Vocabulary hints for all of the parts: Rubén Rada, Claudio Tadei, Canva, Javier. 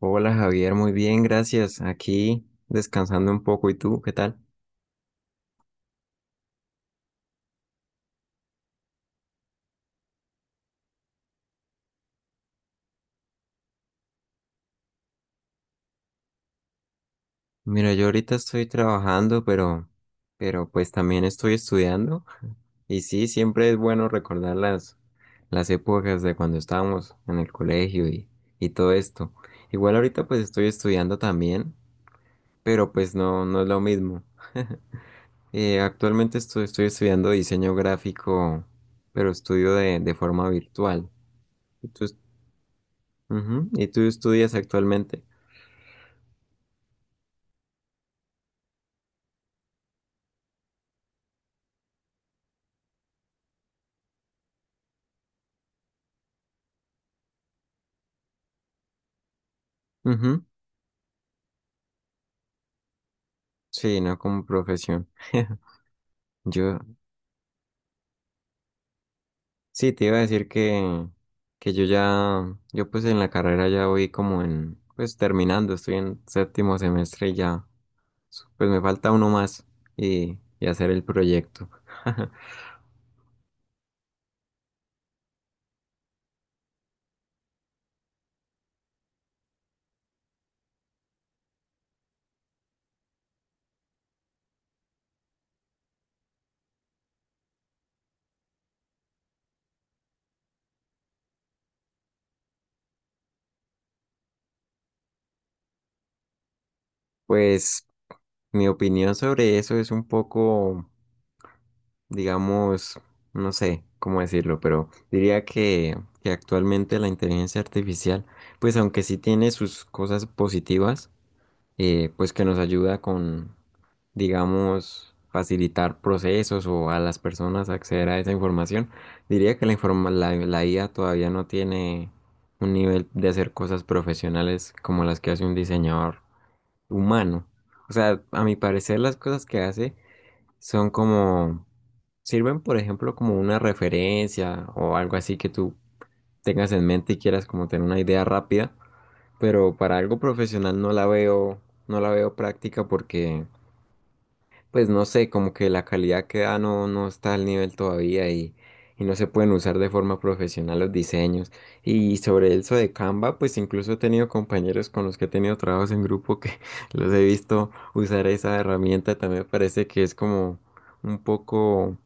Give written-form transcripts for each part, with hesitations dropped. Hola Javier, muy bien, gracias. Aquí descansando un poco. ¿Y tú, qué tal? Mira, yo ahorita estoy trabajando, pero pues también estoy estudiando. Y sí, siempre es bueno recordar las épocas de cuando estábamos en el colegio y todo esto. Igual ahorita pues estoy estudiando también, pero pues no, no es lo mismo. Actualmente estoy estudiando diseño gráfico, pero estudio de forma virtual. ¿Y tú, est- Ujú. ¿Y tú estudias actualmente? Ujú. Sí, no como profesión. Yo sí te iba a decir que yo ya, yo pues en la carrera ya voy como en, pues terminando, estoy en séptimo semestre y ya, pues me falta uno más y hacer el proyecto. Pues mi opinión sobre eso es un poco, digamos, no sé cómo decirlo, pero diría que actualmente la inteligencia artificial, pues aunque sí tiene sus cosas positivas, pues que nos ayuda con digamos, facilitar procesos o a las personas acceder a esa información. Diría que la IA todavía no tiene un nivel de hacer cosas profesionales como las que hace un diseñador humano. O sea, a mi parecer las cosas que hace son como, sirven por ejemplo como una referencia o algo así que tú tengas en mente y quieras como tener una idea rápida, pero para algo profesional no la veo, no la veo práctica porque pues no sé, como que la calidad que da no, no está al nivel todavía y no se pueden usar de forma profesional los diseños. Y sobre eso de Canva, pues incluso he tenido compañeros con los que he tenido trabajos en grupo que los he visto usar esa herramienta. También me parece que es como un poco,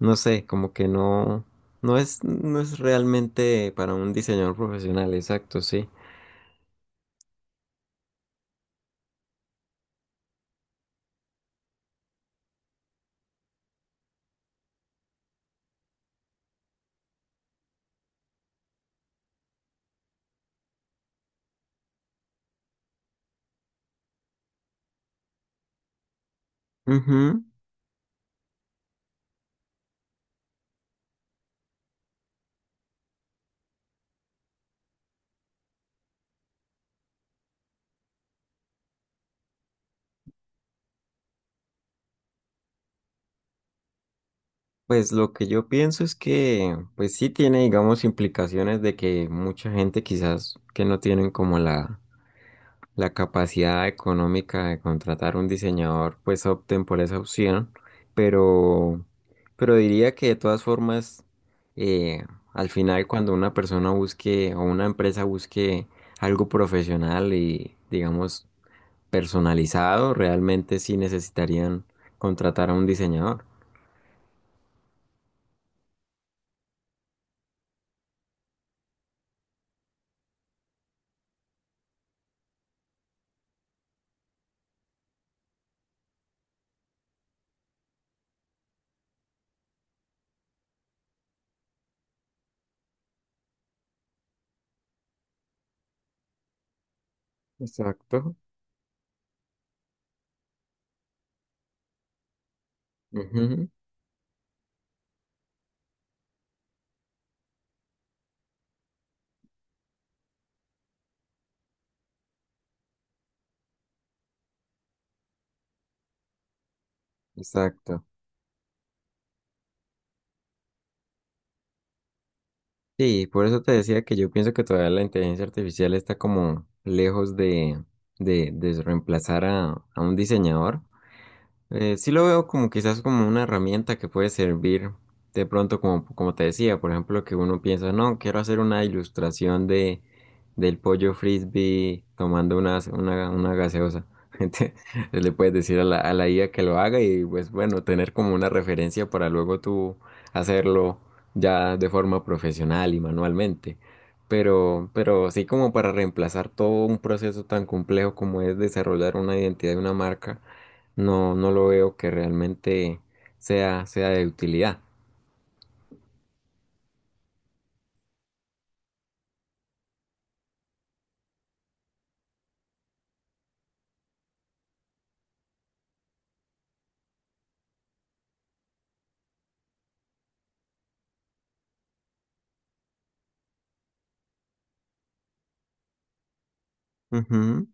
no sé, como que no, no es realmente para un diseñador profesional, exacto, sí. Ujú. Pues lo que yo pienso es que, pues sí tiene, digamos, implicaciones de que mucha gente quizás que no tienen como la capacidad económica de contratar un diseñador, pues opten por esa opción, pero, pero diría que de todas formas, eh, al final cuando una persona busque o una empresa busque algo profesional y, digamos, personalizado, realmente sí necesitarían contratar a un diseñador. Exacto. Ujú. Exacto. Sí, por eso te decía que yo pienso que todavía la inteligencia artificial está como lejos de reemplazar a un diseñador. Sí lo veo como quizás como una herramienta que puede servir de pronto como, como te decía, por ejemplo, que uno piensa, no, quiero hacer una ilustración de del pollo frisbee tomando una gaseosa. Entonces, le puedes decir a a la IA que lo haga y pues bueno, tener como una referencia para luego tú hacerlo ya de forma profesional y manualmente. Pero sí como para reemplazar todo un proceso tan complejo como es desarrollar una identidad de una marca no, no lo veo que realmente sea de utilidad. Ujú,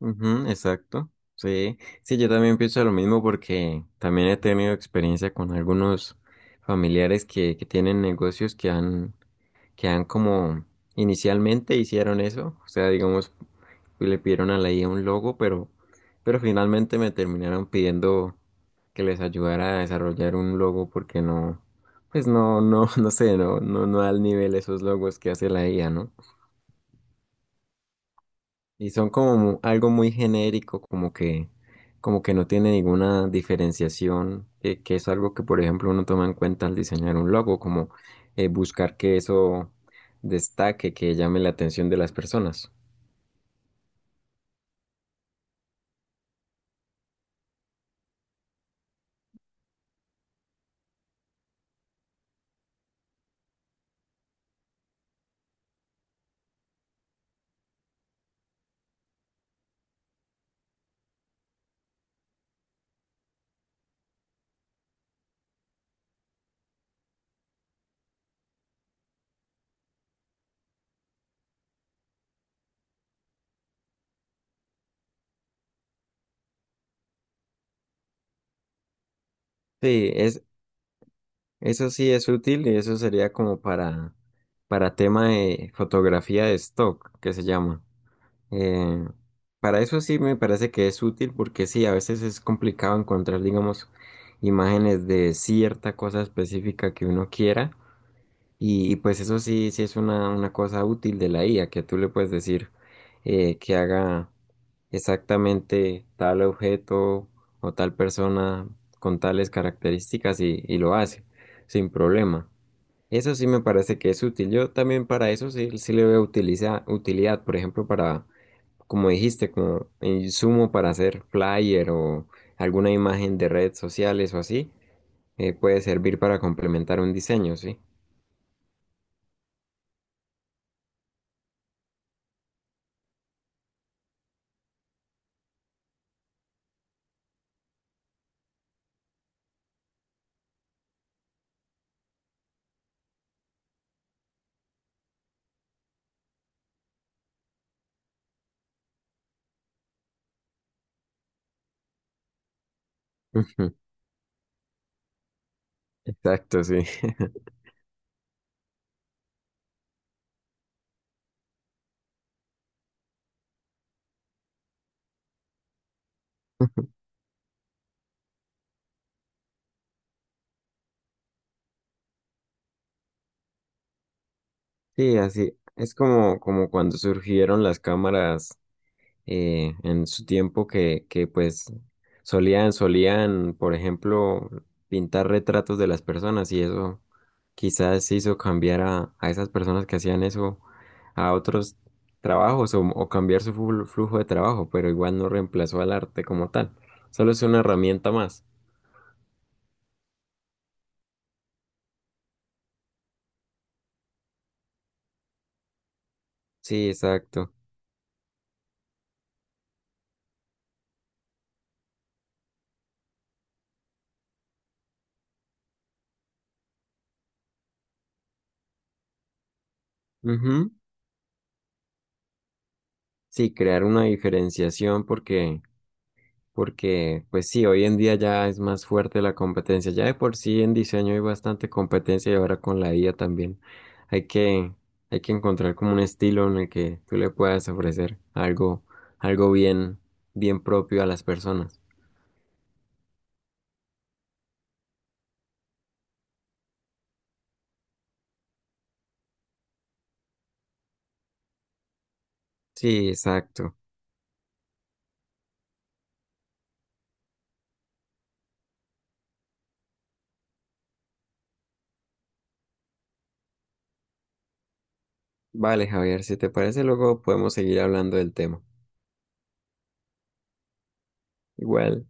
ujú, exacto. Sí, sí, yo también pienso lo mismo porque también he tenido experiencia con algunos familiares que tienen negocios que han como inicialmente hicieron eso. O sea, digamos, y le pidieron a la IA un logo, pero finalmente me terminaron pidiendo que les ayudara a desarrollar un logo porque no, pues no, no, no sé, no, no, no al nivel esos logos que hace la IA, ¿no? Y son como mu- algo muy genérico, como que no tiene ninguna diferenciación, que es algo que, por ejemplo, uno toma en cuenta al diseñar un logo, como buscar que eso destaque, que llame la atención de las personas. Sí, es eso sí es útil y eso sería como para tema de fotografía de stock, que se llama. Eh, para eso sí me parece que es útil porque sí, a veces es complicado encontrar, digamos, imágenes de cierta cosa específica que uno quiera. Y pues eso sí, sí es una cosa útil de la IA, que tú le puedes decir que haga exactamente tal objeto o tal persona con tales características y lo hace sin problema. Eso sí me parece que es útil. Yo también para eso sí, sí le veo utilidad, por ejemplo, para, como dijiste, como insumo para hacer flyer o alguna imagen de redes sociales o así, puede servir para complementar un diseño, ¿sí? Ujú. Exacto, sí. Sí, así es como, como cuando surgieron las cámaras en su tiempo que pues solían, por ejemplo, pintar retratos de las personas y eso quizás hizo cambiar a esas personas que hacían eso a otros trabajos o cambiar su flujo de trabajo, pero igual no reemplazó al arte como tal, solo es una herramienta más. Sí, exacto. Ujú. Sí, crear una diferenciación porque pues sí, hoy en día ya es más fuerte la competencia. Ya de por sí en diseño hay bastante competencia y ahora con la IA también hay hay que encontrar como un estilo en el que tú le puedas ofrecer algo, algo bien, bien propio a las personas. Sí, exacto. Vale, Javier, si te parece, luego podemos seguir hablando del tema. Igual.